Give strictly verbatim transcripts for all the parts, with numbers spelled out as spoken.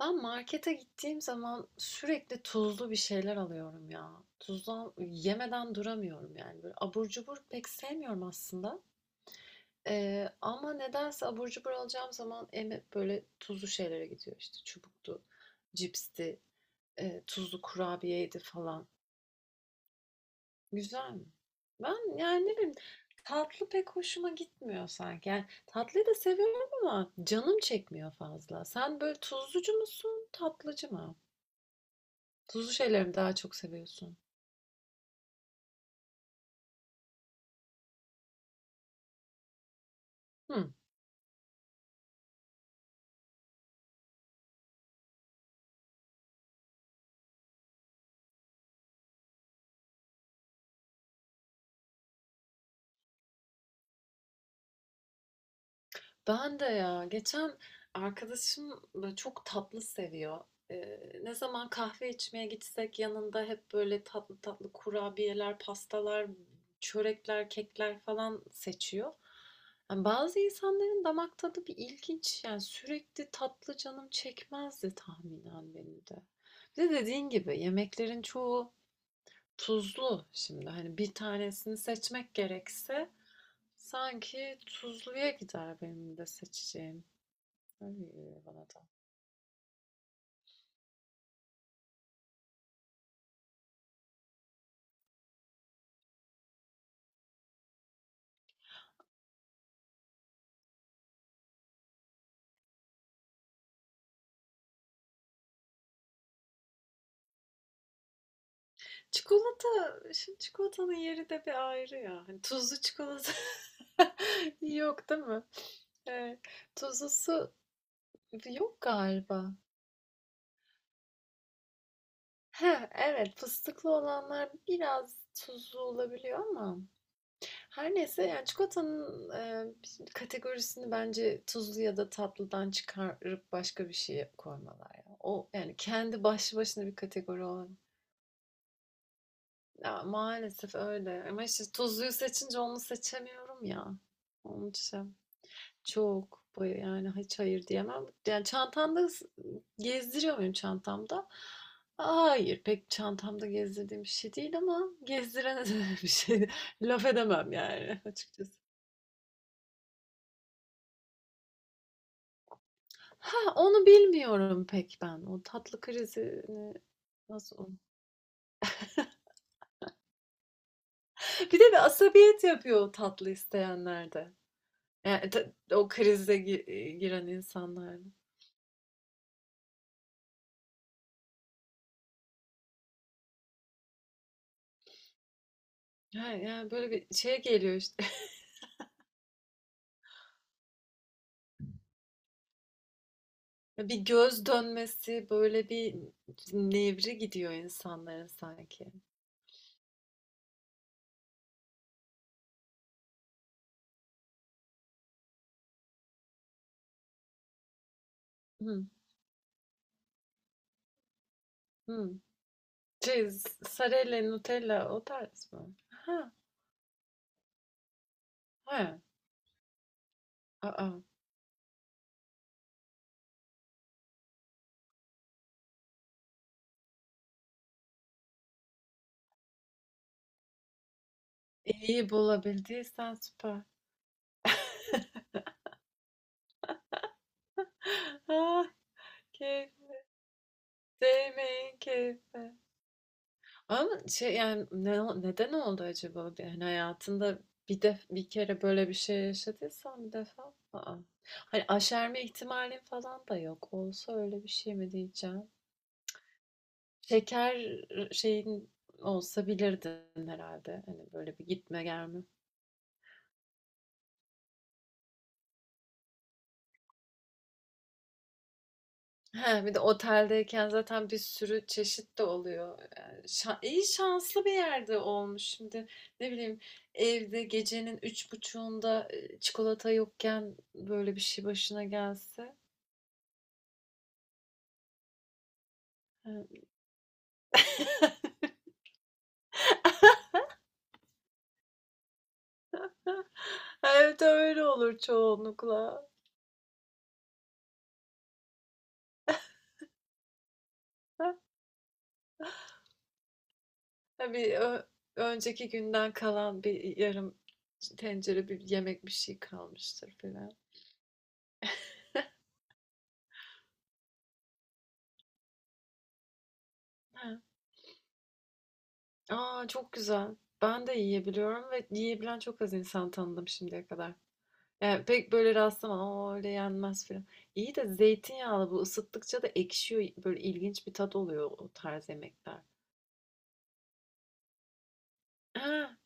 Ben markete gittiğim zaman sürekli tuzlu bir şeyler alıyorum ya. Tuzlu yemeden duramıyorum yani. Böyle abur cubur pek sevmiyorum aslında. Ee, ama nedense abur cubur alacağım zaman em böyle tuzlu şeylere gidiyor işte. Çubuktu, cipsti, e, tuzlu kurabiyeydi falan. Güzel mi? Ben yani ne bileyim, tatlı pek hoşuma gitmiyor sanki. Yani tatlıyı da seviyorum ama canım çekmiyor fazla. Sen böyle tuzlucu musun, tatlıcı mı? Tuzlu şeyleri mi daha çok seviyorsun? Hı. Ben de ya geçen arkadaşım böyle çok tatlı seviyor. Ee, ne zaman kahve içmeye gitsek yanında hep böyle tatlı tatlı kurabiyeler, pastalar, çörekler, kekler falan seçiyor. Yani bazı insanların damak tadı bir ilginç. Yani sürekli tatlı canım çekmezdi tahminen benim de. Bir de dediğin gibi yemeklerin çoğu tuzlu şimdi. Hani bir tanesini seçmek gerekse. Sanki tuzluya gider benim de seçeceğim. Öyle geliyor bana da. Çikolata, şimdi çikolatanın yeri de bir ayrı ya. Hani tuzlu çikolata yok değil mi? Evet. Tuzlusu yok galiba. Ha, evet, fıstıklı olanlar biraz tuzlu olabiliyor ama her neyse, yani çikolatanın e, kategorisini bence tuzlu ya da tatlıdan çıkarıp başka bir şeye koymalar ya. O yani kendi başlı başına bir kategori olan. Ya, maalesef öyle ama işte tuzluyu seçince onu seçemiyorum ya. Onun için çok baya, yani hiç hayır diyemem. Yani çantamda s gezdiriyor muyum çantamda? Hayır, pek çantamda gezdirdiğim bir şey değil ama gezdirene de bir şey laf edemem yani açıkçası. Ha, onu bilmiyorum pek ben. O tatlı krizini nasıl onu? Bir de bir asabiyet yapıyor o tatlı isteyenlerde. Yani ta o krize gi giren insanlar. Ha, yani böyle bir şey geliyor işte. Bir göz dönmesi, böyle bir nevri gidiyor insanların sanki. Hı, hı. Şey, Sarella, Nutella o tarz mı? Ha, ha. Aa, iyi bulabildiysen süper. Ah, keyif, değmeyin keyif. Ama şey, yani, ne neden oldu acaba? Bir, hani hayatında bir def bir kere böyle bir şey yaşadıysan bir defa, a hani aşerme ihtimalin falan da yok. Olsa öyle bir şey mi diyeceğim? Şeker şeyin olsa bilirdin herhalde. Hani böyle bir gitme gelme. He, bir de oteldeyken zaten bir sürü çeşit de oluyor. Yani şa iyi, şanslı bir yerde olmuş. Şimdi ne bileyim, evde gecenin üç buçuğunda e, çikolata yokken böyle bir şey başına gelse. He. Evde öyle olur çoğunlukla. Ha, bir ö- önceki günden kalan bir yarım tencere bir yemek bir şey kalmıştır filan. A, çok güzel. Ben de yiyebiliyorum ve yiyebilen çok az insan tanıdım şimdiye kadar. Yani pek böyle rastlamadım. "Aa, öyle yenmez" filan. İyi de zeytinyağlı bu ısıttıkça da ekşiyor. Böyle ilginç bir tat oluyor o tarz yemekler. Ha,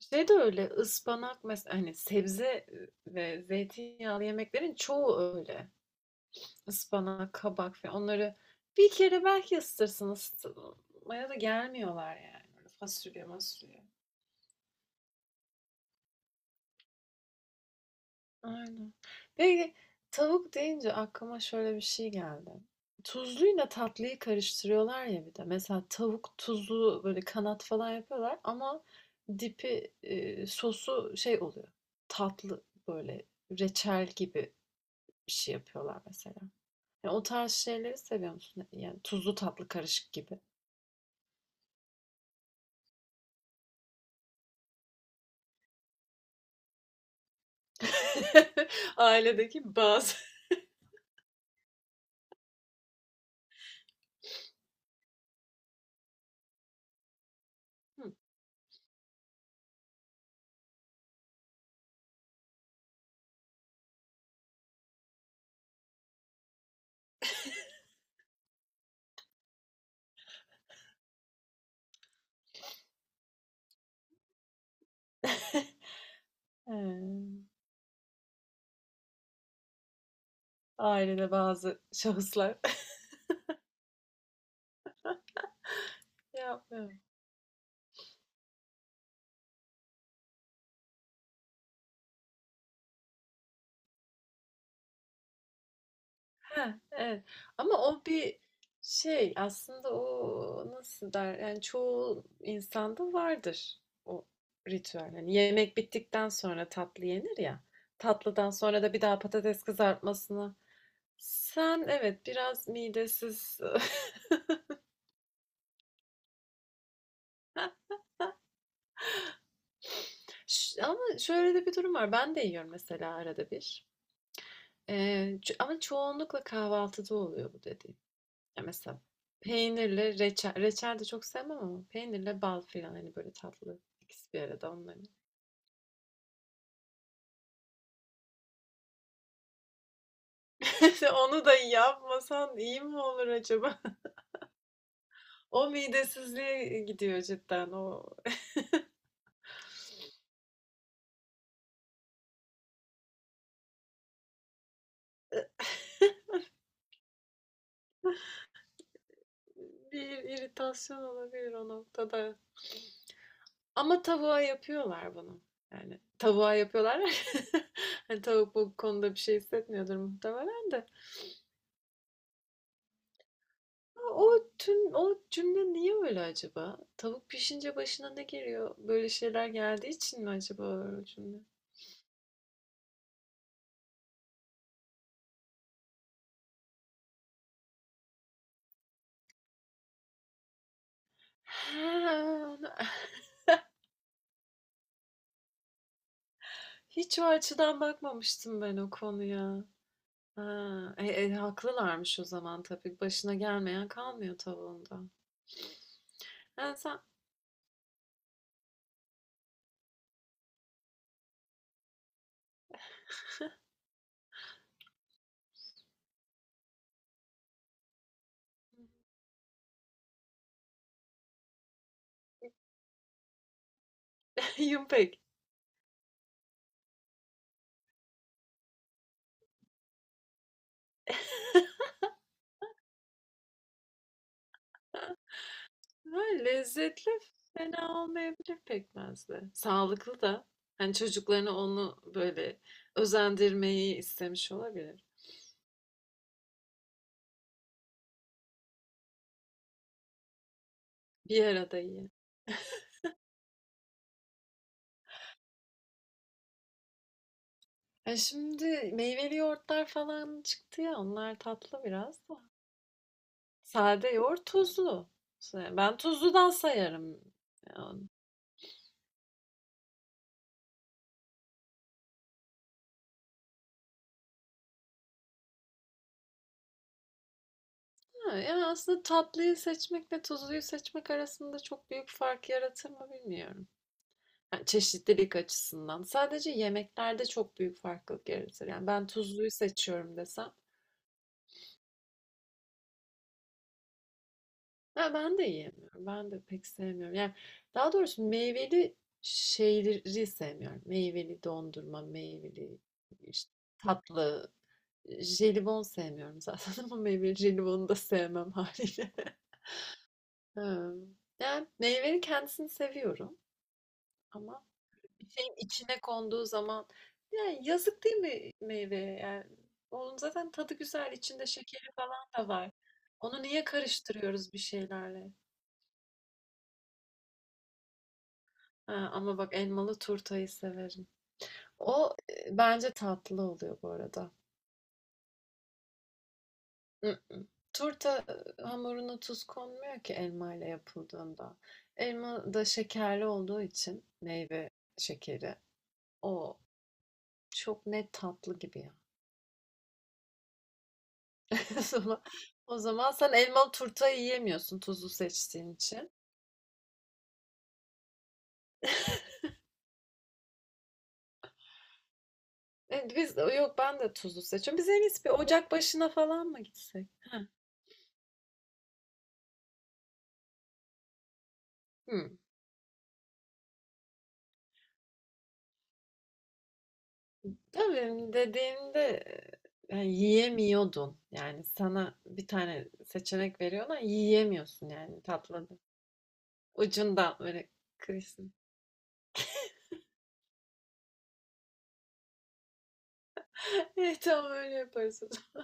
şey de öyle, ıspanak mesela hani sebze e, ve zeytinyağlı yemeklerin çoğu öyle. Ispanak, kabak falan, onları bir kere belki ısıtırsın, ısıtmaya da gelmiyorlar yani. Böyle fasulye, masulye. Aynen. Peki, tavuk deyince aklıma şöyle bir şey geldi. Tuzluyla tatlıyı karıştırıyorlar ya bir de. Mesela tavuk tuzlu, böyle kanat falan yapıyorlar ama dipi, e, sosu şey oluyor. Tatlı böyle reçel gibi bir şey yapıyorlar mesela. Yani o tarz şeyleri seviyor musun? Yani tuzlu tatlı karışık gibi. Ailedeki bazı. Hı. Eee, Ailede bazı şahıslar. Ya, evet. Heh, evet. Ama o bir şey aslında, o nasıl der, yani çoğu insanda vardır o ritüel. Hani yemek bittikten sonra tatlı yenir ya. Tatlıdan sonra da bir daha patates kızartmasını. Sen evet biraz midesiz. Ş- ama şöyle de bir durum var. Ben de yiyorum mesela arada bir. Ee, ç- Ama çoğunlukla kahvaltıda oluyor bu dediğim. Ya mesela peynirle reçel, reçel de çok sevmem ama peynirle bal filan, hani böyle tatlı, ikisi bir arada onların. Onu da yapmasan iyi mi olur acaba? O midesizliğe gidiyor cidden. O bir iritasyon olabilir o noktada. Ama tavuğa yapıyorlar bunu. Yani tavuğa yapıyorlar. Hani tavuk bu konuda bir şey hissetmiyordur muhtemelen de. A, o tüm o cümle niye öyle acaba? Tavuk pişince başına ne geliyor? Böyle şeyler geldiği için mi acaba o cümle? He, onu hiç o açıdan bakmamıştım ben o konuya. Ha, e, e, haklılarmış o zaman tabii. Başına gelmeyen kalmıyor tavuğunda. Ha, sen yumpek. Ha, lezzetli fena olmayabilir pekmez de. Sağlıklı da. Hani çocuklarını onu böyle özendirmeyi istemiş olabilir. Bir arada yiyin. E, şimdi meyveli yoğurtlar falan çıktı ya, onlar tatlı biraz da. Sade yoğurt tuzlu. Se- Ben tuzludan sayarım. Yani, ha, yani aslında tatlıyı seçmekle tuzluyu seçmek arasında çok büyük fark yaratır mı bilmiyorum. Yani çeşitlilik açısından. Sadece yemeklerde çok büyük farklılık yaratır. Yani ben tuzluyu seçiyorum desem. Ya ben de yiyemiyorum. Ben de pek sevmiyorum. Yani daha doğrusu meyveli şeyleri sevmiyorum. Meyveli dondurma, meyveli işte tatlı, jelibon sevmiyorum zaten ama meyveli jelibonu da sevmem haliyle. Ha, yani meyvenin kendisini seviyorum ama bir şeyin içine konduğu zaman, yani yazık değil mi meyveye? Yani onun zaten tadı güzel, içinde şekeri falan da var. Onu niye karıştırıyoruz bir şeylerle? He, ama bak, elmalı turtayı severim. O, e, bence tatlı oluyor bu arada. Mm-mm. Turta e, hamuruna tuz konmuyor ki elma ile yapıldığında. Elma da şekerli olduğu için meyve şekeri. O çok net tatlı gibi ya. O zaman, o zaman sen elmalı turtayı yiyemiyorsun tuzlu seçtiğin için. E, biz yok ben de tuzlu seçiyorum. Biz en iyisi bir ocak başına falan mı gitsek? Heh. Hı. Tabii, dediğinde, eee, ya, yiyemiyordun. Yani, sana bir tane seçenek veriyorlar, yiyemiyorsun yani tatlıdan. Ucundan böyle kıysın. Evet, tamam öyle yaparız o zaman.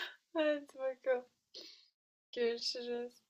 Haydi bakalım. Görüşürüz.